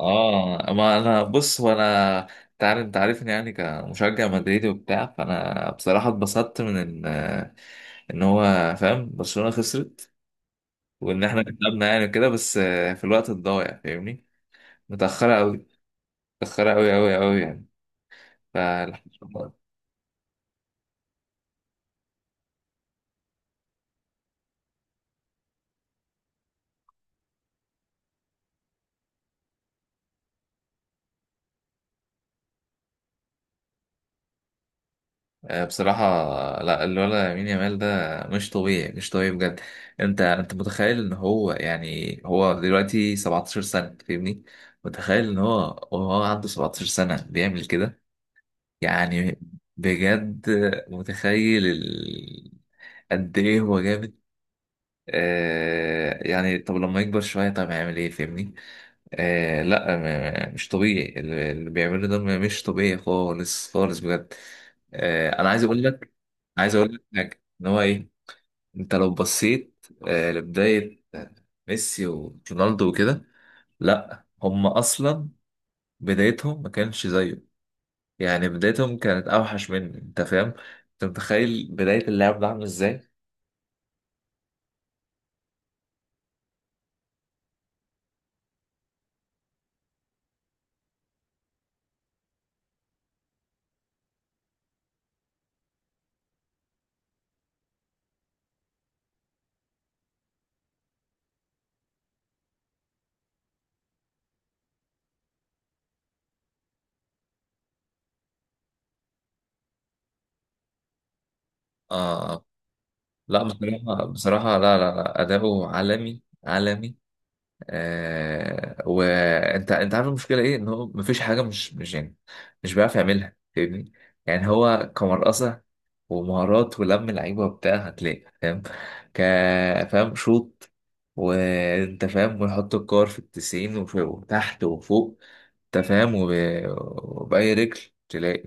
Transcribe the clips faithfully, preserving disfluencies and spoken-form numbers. اه، ما انا بص. هو انا تعرف، انت عارفني يعني كمشجع مدريدي وبتاع. فانا بصراحه اتبسطت من ان ان هو فاهم برشلونه خسرت، وان احنا كسبنا يعني كده. بس آه، في الوقت الضايع فاهمني، متاخره قوي، متاخره قوي قوي قوي يعني. فالحمد لله. آه، بصراحه، لا الولد يمين يامال ده مش طبيعي، مش طبيعي بجد. انت انت متخيل ان هو يعني هو دلوقتي سبعة عشر سنه فاهمني؟ متخيل ان هو وهو عنده سبعتاشر سنه بيعمل كده يعني؟ بجد متخيل ال... قد ايه هو جامد! آه يعني طب لما يكبر شوية طب هيعمل ايه فاهمني؟ آه لا م- م- مش طبيعي، اللي اللي بيعمله ده م- مش طبيعي خالص خالص بجد. آه انا عايز اقول لك، عايز اقول لك حاجة، ان هو ايه، انت لو بصيت آه لبداية آه، ميسي ورونالدو وكده، لا هم اصلا بدايتهم ما كانش زيه يعني. بدايتهم كانت اوحش مني، انت فاهم؟ انت متخيل بداية اللعب ده عامل ازاي؟ اه لا، بصراحة بصراحة لا لا لا، اداؤه عالمي عالمي. آه وانت انت عارف المشكلة ايه؟ ان هو مفيش حاجة مش مش يعني مش بيعرف يعملها فاهمني. يعني هو كمرقصة ومهارات ولم لعيبة وبتاع هتلاقي فاهم. ك فاهم شوط، وانت فاهم، ويحط الكور في التسعين وفوق وتحت وفوق، انت فاهم وب... وبأي رجل تلاقي،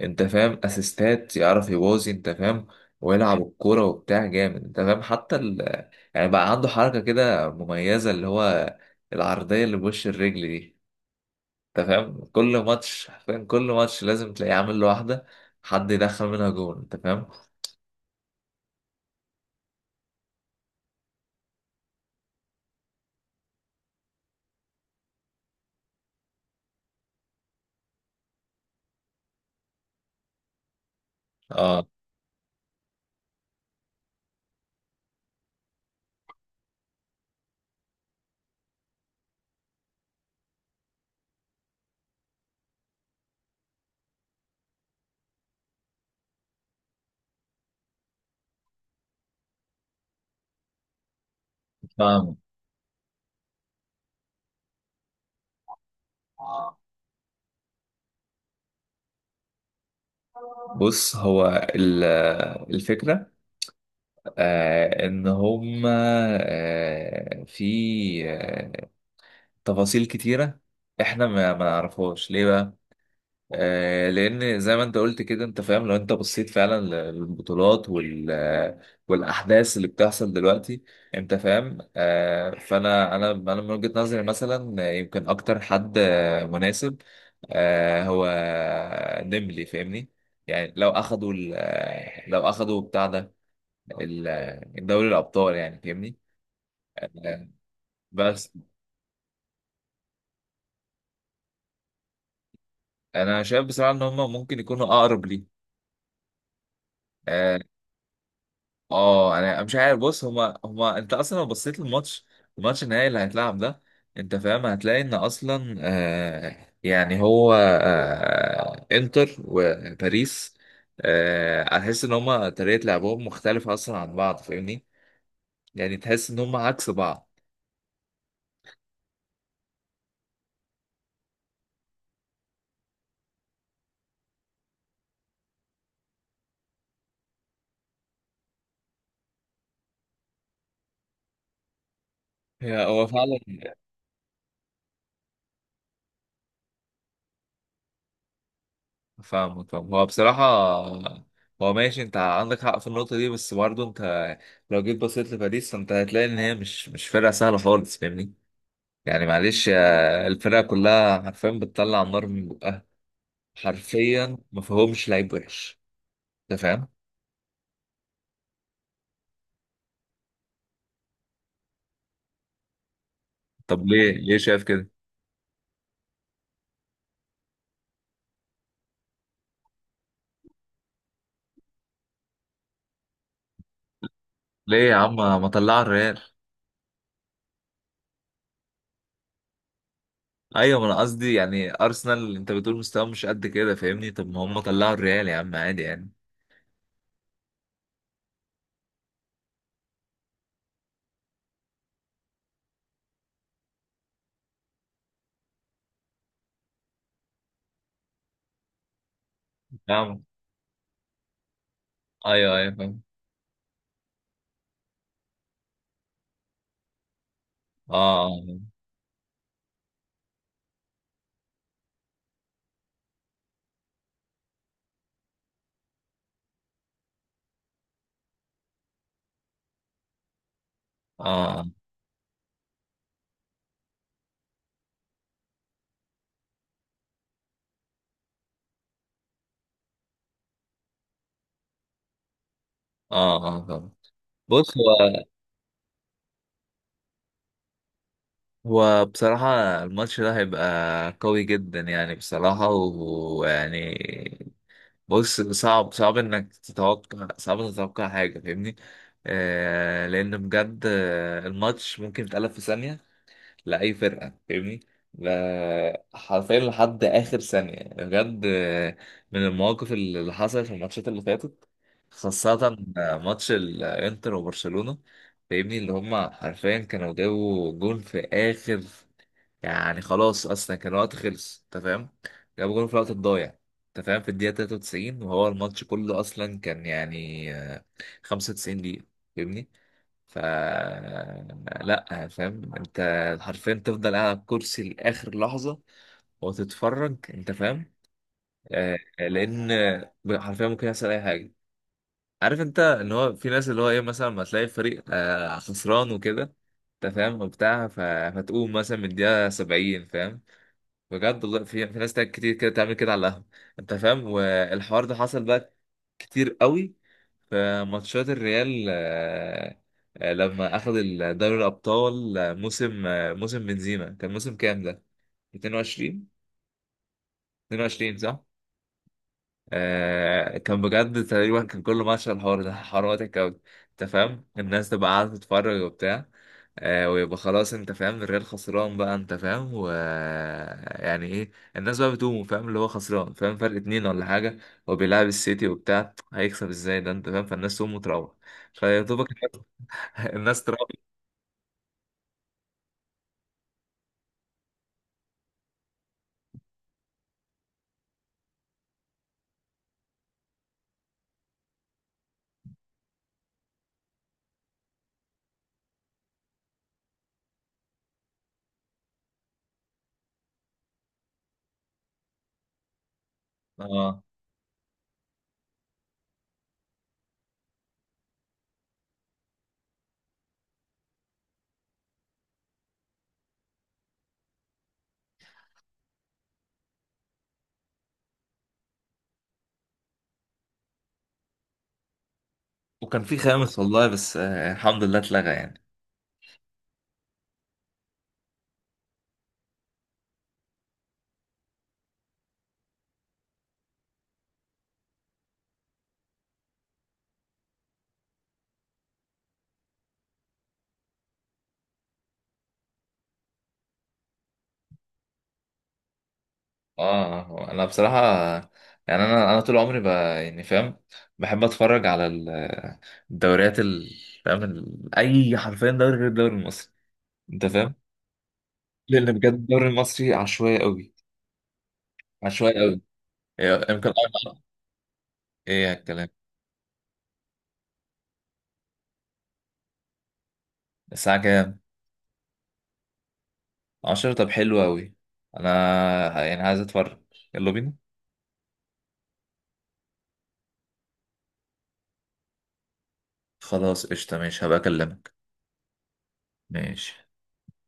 انت فاهم، اسيستات يعرف يبوظي، انت فاهم. ويلعب الكورة وبتاع جامد، انت فاهم. حتى ال... يعني بقى عنده حركة كده مميزة اللي هو العرضية اللي بوش الرجل دي، انت فاهم؟ كل ماتش حرفيا، كل ماتش لازم تلاقيه عامل له واحدة، حد يدخل منها جون، انت فاهم. اه فاهم. بص هو ال- الفكرة، آه ان هما آه في آه، تفاصيل كتيرة احنا ما ما نعرفهاش ليه بقى. آه لان زي ما انت قلت كده انت فاهم، لو انت بصيت فعلا للبطولات وال آه، والاحداث اللي بتحصل دلوقتي، انت فاهم. آه فانا انا انا من وجهة نظري مثلا، آه، يمكن اكتر حد آه، مناسب آه هو نملي فاهمني. يعني لو اخدوا ال- آه، لو اخدوا بتاع ده ال- آه، الدوري الابطال يعني فاهمني. آه، بس انا شايف بصراحة ان هم ممكن يكونوا اقرب ليه. آه، اه انا مش عارف. بص، هما هما انت اصلا لو بصيت للماتش، الماتش النهائي اللي هيتلعب ده انت فاهم هتلاقي ان اصلا آه يعني هو آه انتر وباريس. آه هتحس ان هما طريقة لعبهم مختلفة اصلا عن بعض فاهمني. يعني تحس ان هما عكس بعض. هي- هو فعلا. فاهمك، فاهم. هو بصراحة، هو ماشي، انت عندك حق في النقطة دي، بس برضه انت لو جيت بصيت لباريس فانت هتلاقي ان هي مش مش فرقة سهلة خالص فاهمني. يعني معلش يا- الفرقة كلها حرفيا بتطلع نار من بقها. حرفيا ما فيهمش لعيب وحش، انت فاهم. طب ليه، ليه شايف كده؟ ليه يا عم ما طلع الريال؟ ايوه ما انا قصدي يعني ارسنال انت بتقول مستواه مش قد كده فاهمني، طب ما هم طلعوا الريال يا عم، عادي يعني فاهم. ايوه ايوه فاهم. اه اه اه اه اه، آه، فاهم. بص هو، هو بصراحة الماتش ده هيبقى قوي جدا، يعني بصراحة. و- ويعني بص، صعب صعب انك تتوقع، صعب انك تتوقع حاجة فاهمني. آه لان بجد آه، الماتش ممكن يتقلب في ثانية لاي فرقه فاهمني. لا- حرفيا لحد اخر ثانيه بجد. آه، من المواقف اللي حصلت في الماتشات اللي فاتت، خاصه آه، ماتش الانتر وبرشلونه فاهمني، اللي هم حرفيا كانوا جابوا جون في اخر، يعني خلاص اصلا كان الوقت خلص، انت فاهم. جابوا جون في الوقت الضايع، انت فاهم، في الدقيقه تلاتة وتسعين، وهو الماتش كله اصلا كان يعني آه، خمسة وتسعين دقيقه فاهمني. ف لا، فاهم انت، حرفيا تفضل قاعد على الكرسي لاخر لحظه وتتفرج، انت فاهم، آه، لان حرفيا ممكن يحصل اي حاجه. عارف انت ان هو في ناس اللي هو ايه، مثلا ما تلاقي فريق آه، خسران وكده، انت فاهم وبتاع، ف- فتقوم مثلا من الدقيقه سبعين فاهم. بجد والله في في ناس تاني كتير كده تعمل كده على القهوه، انت فاهم. والحوار ده حصل بقى كتير قوي في ماتشات الريال، آه، آه، لما اخذ ال- دوري الابطال، آه، موسم آه، موسم بنزيما، كان موسم كام ده؟ اتنين وعشرين. اتنين وعشرين صح. آه كان بجد تقريبا كان كل ماتش الحوار ده حوار مضحك قوي، انت فاهم. الناس تبقى قاعده تتفرج وبتاع، آه ويبقى خلاص، انت فاهم، الريال خسران بقى، انت فاهم، و يعني ايه، الناس بقى بتقوم فاهم اللي هو خسران، فاهم فرق اتنين ولا حاجه، وبيلعب السيتي وبتاع هيكسب ازاي ده، انت فاهم. فالناس تقوم وتروح، فيا دوبك الناس تراقب. اه وكان في خامس والله، بس آه، الحمد لله اتلغى يعني. اه آه، انا بصراحه يعني انا انا طول عمري ب... يعني فاهم، بحب اتفرج على ال- الدوريات ال... فاهم ال... اي حرفيا دوري غير الدوري المصري، انت فاهم. لان بجد الدوري المصري عشوائي قوي، عشوائي قوي. إيه، يمكن أقعد- ايه الكلام؟ الساعه كام؟ عشرة؟ طب حلو قوي. انا ه- يعني عايز اتفرج. يلا بينا. خلاص قشطه، ماشي هبقى اكلمك. ماشي.